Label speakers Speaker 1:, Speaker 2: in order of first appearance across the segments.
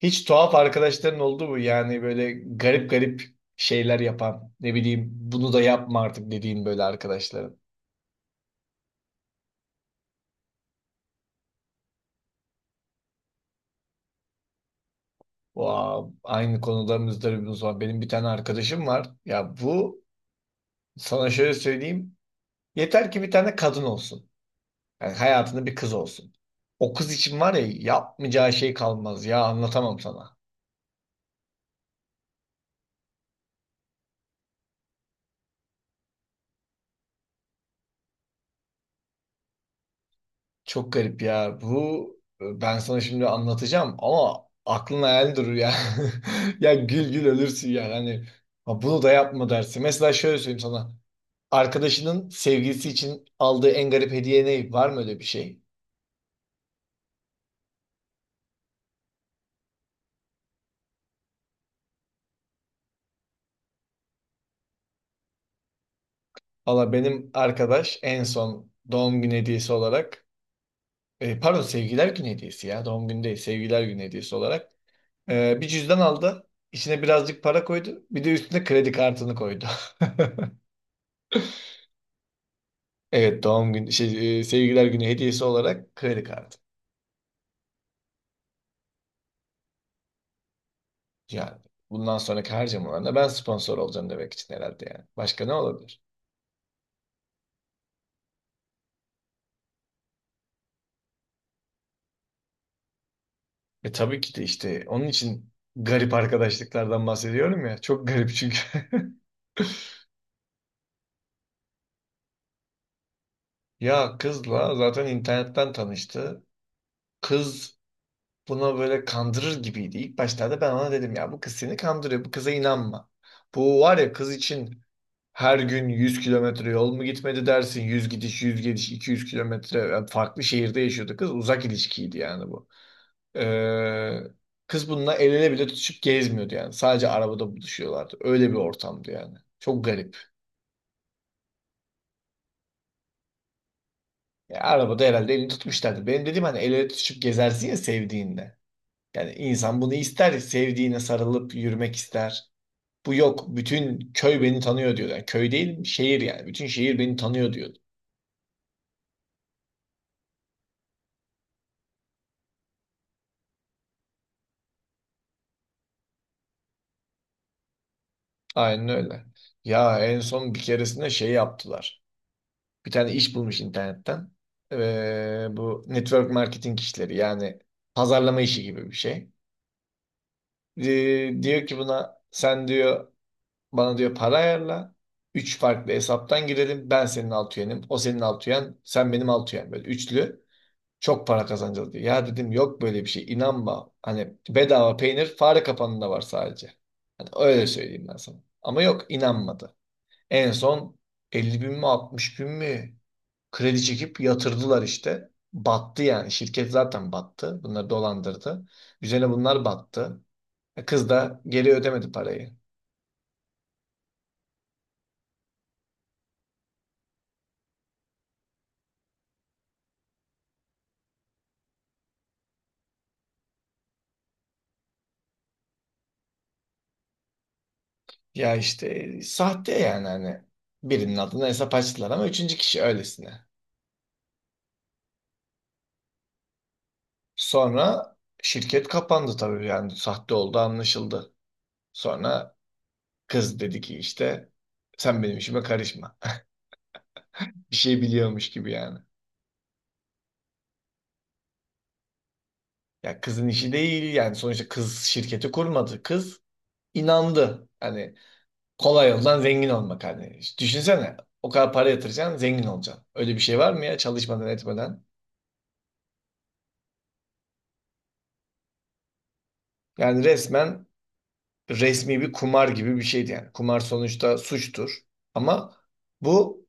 Speaker 1: Hiç tuhaf arkadaşların oldu mu? Yani böyle garip garip şeyler yapan, ne bileyim bunu da yapma artık dediğin böyle arkadaşların. Wow, aynı konuda muzdaribimiz var. Benim bir tane arkadaşım var. Ya bu sana şöyle söyleyeyim. Yeter ki bir tane kadın olsun. Yani hayatında bir kız olsun. O kız için var ya yapmayacağı şey kalmaz. Ya anlatamam sana. Çok garip ya. Bu ben sana şimdi anlatacağım ama aklın hayal durur ya. Ya gül gül ölürsün ya. Hani "Ha, bunu da yapma" dersin. Mesela şöyle söyleyeyim sana. Arkadaşının sevgilisi için aldığı en garip hediye ne? Var mı öyle bir şey? Valla benim arkadaş en son doğum günü hediyesi olarak pardon sevgiler günü hediyesi ya. Doğum günü değil, sevgiler günü hediyesi olarak bir cüzdan aldı. İçine birazcık para koydu. Bir de üstüne kredi kartını koydu. Evet, doğum günü sevgililer günü hediyesi olarak kredi kartı. Yani bundan sonraki harcamalarında ben sponsor olacağım demek için herhalde yani. Başka ne olabilir? E tabii ki de işte onun için garip arkadaşlıklardan bahsediyorum ya. Çok garip çünkü. Ya kızla zaten internetten tanıştı. Kız buna böyle kandırır gibiydi. İlk başlarda ben ona dedim ya, bu kız seni kandırıyor. Bu kıza inanma. Bu var ya, kız için her gün 100 kilometre yol mu gitmedi dersin? 100 gidiş, 100 geliş, 200 kilometre. Yani farklı şehirde yaşıyordu kız. Uzak ilişkiydi yani bu. Ee, Kız bununla el ele bile tutuşup gezmiyordu yani. Sadece arabada buluşuyorlardı. Öyle bir ortamdı yani. Çok garip. Ya arabada herhalde elini tutmuşlardı. Benim dediğim hani el ele tutuşup gezersin ya sevdiğinle. Yani insan bunu ister. Sevdiğine sarılıp yürümek ister. Bu yok. Bütün köy beni tanıyor diyordu. Yani köy değil, şehir yani. Bütün şehir beni tanıyor diyordu. Aynen öyle. Ya en son bir keresinde şey yaptılar. Bir tane iş bulmuş internetten. Bu network marketing işleri, yani pazarlama işi gibi bir şey. Ee, diyor ki buna, sen diyor bana diyor para ayarla. Üç farklı hesaptan girelim. Ben senin alt üyenim. O senin alt üyen. Sen benim alt üyen. Böyle üçlü. Çok para kazanacağız diyor. Ya dedim yok böyle bir şey. İnanma. Hani bedava peynir fare kapanında var sadece. Hani öyle söyleyeyim ben sana. Ama yok, inanmadı. En son 50.000 mi 60.000 mi kredi çekip yatırdılar işte. Battı yani. Şirket zaten battı. Bunları dolandırdı. Üzerine bunlar battı. Kız da geri ödemedi parayı. Ya işte sahte, yani hani birinin adına hesap açtılar ama üçüncü kişi öylesine. Sonra şirket kapandı tabii, yani sahte oldu, anlaşıldı. Sonra kız dedi ki işte, sen benim işime karışma. Bir şey biliyormuş gibi yani. Ya kızın işi değil yani, sonuçta kız şirketi kurmadı. Kız inandı. Hani kolay yoldan zengin olmak hani. İşte düşünsene, o kadar para yatıracaksın, zengin olacaksın. Öyle bir şey var mı ya çalışmadan etmeden? Yani resmen resmi bir kumar gibi bir şeydi yani. Kumar sonuçta suçtur. Ama bu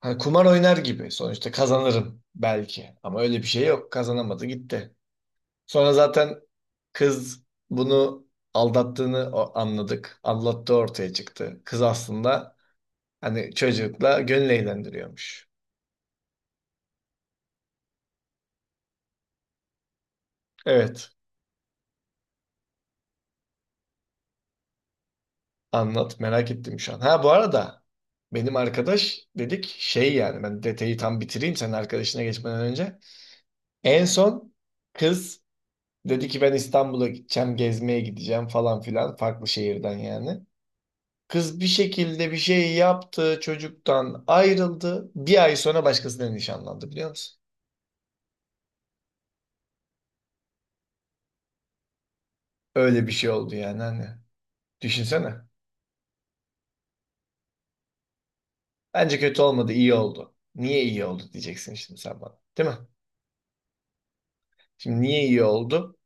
Speaker 1: hani kumar oynar gibi, sonuçta kazanırım belki. Ama öyle bir şey yok. Kazanamadı gitti. Sonra zaten kız bunu anladık. Aldattığı ortaya çıktı. Kız aslında hani çocukla gönül eğlendiriyormuş. Evet. Anlat. Merak ettim şu an. Ha, bu arada benim arkadaş dedik şey, yani ben detayı tam bitireyim senin arkadaşına geçmeden önce. En son kız dedi ki ben İstanbul'a gideceğim, gezmeye gideceğim falan filan, farklı şehirden yani. Kız bir şekilde bir şey yaptı, çocuktan ayrıldı. Bir ay sonra başkasıyla nişanlandı, biliyor musun? Öyle bir şey oldu yani hani. Düşünsene. Bence kötü olmadı, iyi oldu. Niye iyi oldu diyeceksin şimdi sen bana. Değil mi? Şimdi niye iyi oldu?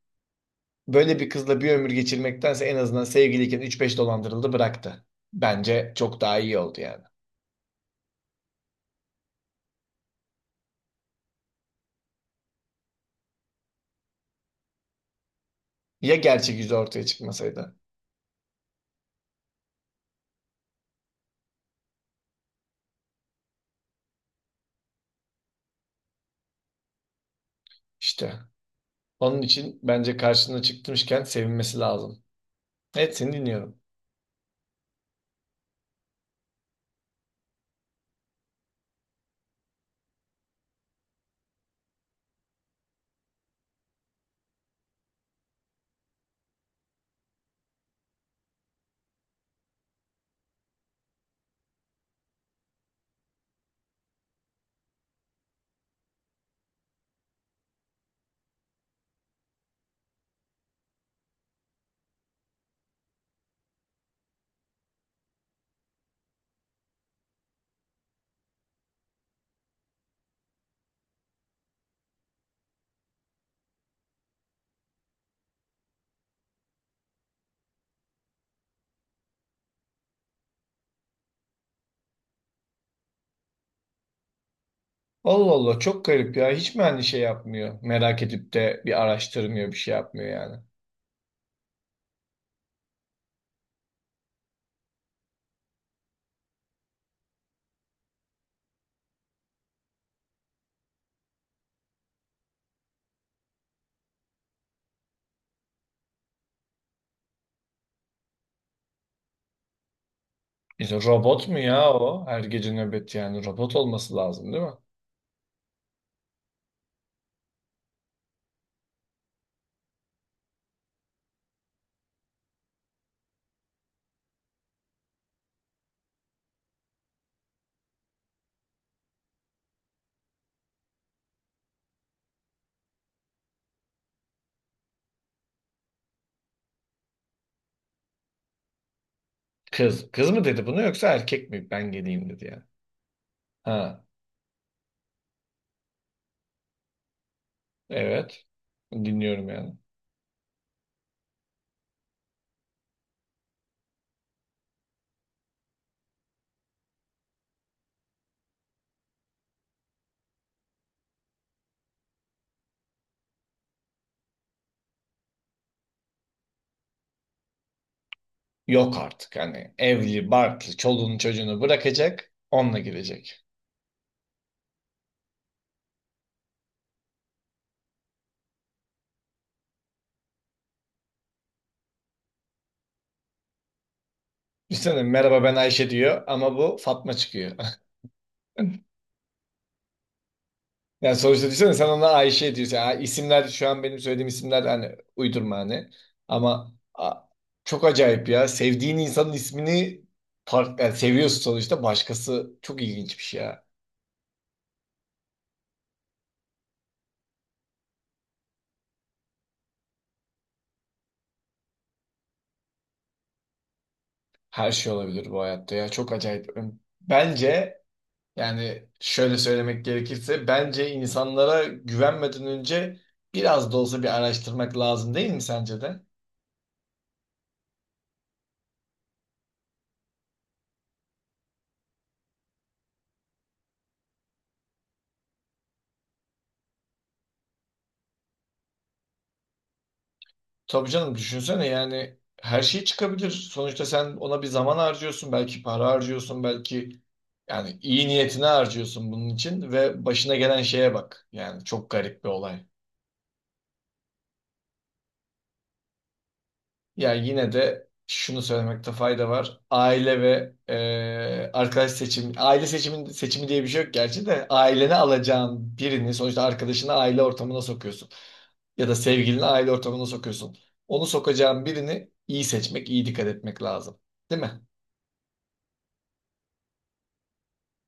Speaker 1: Böyle bir kızla bir ömür geçirmektense en azından sevgiliyken üç beş dolandırıldı, bıraktı. Bence çok daha iyi oldu yani. Ya gerçek yüzü ortaya çıkmasaydı? İşte. Onun için bence karşına çıkmışken sevinmesi lazım. Evet, seni dinliyorum. Allah Allah, çok garip ya. Hiç mi hani şey yapmıyor? Merak edip de bir araştırmıyor, bir şey yapmıyor yani. İşte robot mu ya o? Her gece nöbet yani. Robot olması lazım değil mi? Kız. Kız mı dedi bunu yoksa erkek mi? Ben geleyim dedi yani. Ha, evet. Dinliyorum yani. Yok artık, hani evli, barklı, çoluğunu çocuğunu bırakacak. Onunla gidecek. Düşünsene, merhaba ben Ayşe diyor ama bu Fatma çıkıyor. Yani sonuçta düşünsene, sen ona Ayşe diyorsun. Yani isimler şu an benim söylediğim isimler, hani uydurma hani. Ama a- çok acayip ya. Sevdiğin insanın ismini yani seviyorsun sonuçta, başkası, çok ilginç bir şey ya. Her şey olabilir bu hayatta ya. Çok acayip. Bence yani şöyle söylemek gerekirse, bence insanlara güvenmeden önce biraz da olsa bir araştırmak lazım, değil mi sence de? Tabii canım, düşünsene yani her şey çıkabilir. Sonuçta sen ona bir zaman harcıyorsun, belki para harcıyorsun, belki yani iyi niyetine harcıyorsun bunun için ve başına gelen şeye bak. Yani çok garip bir olay. Ya yine de şunu söylemekte fayda var. Aile ve arkadaş seçim, aile seçimi, seçimi diye bir şey yok gerçi de, ailene alacağın birini sonuçta, arkadaşını aile ortamına sokuyorsun. Ya da sevgilini aile ortamına sokuyorsun. Onu sokacağın birini iyi seçmek, iyi dikkat etmek lazım. Değil mi?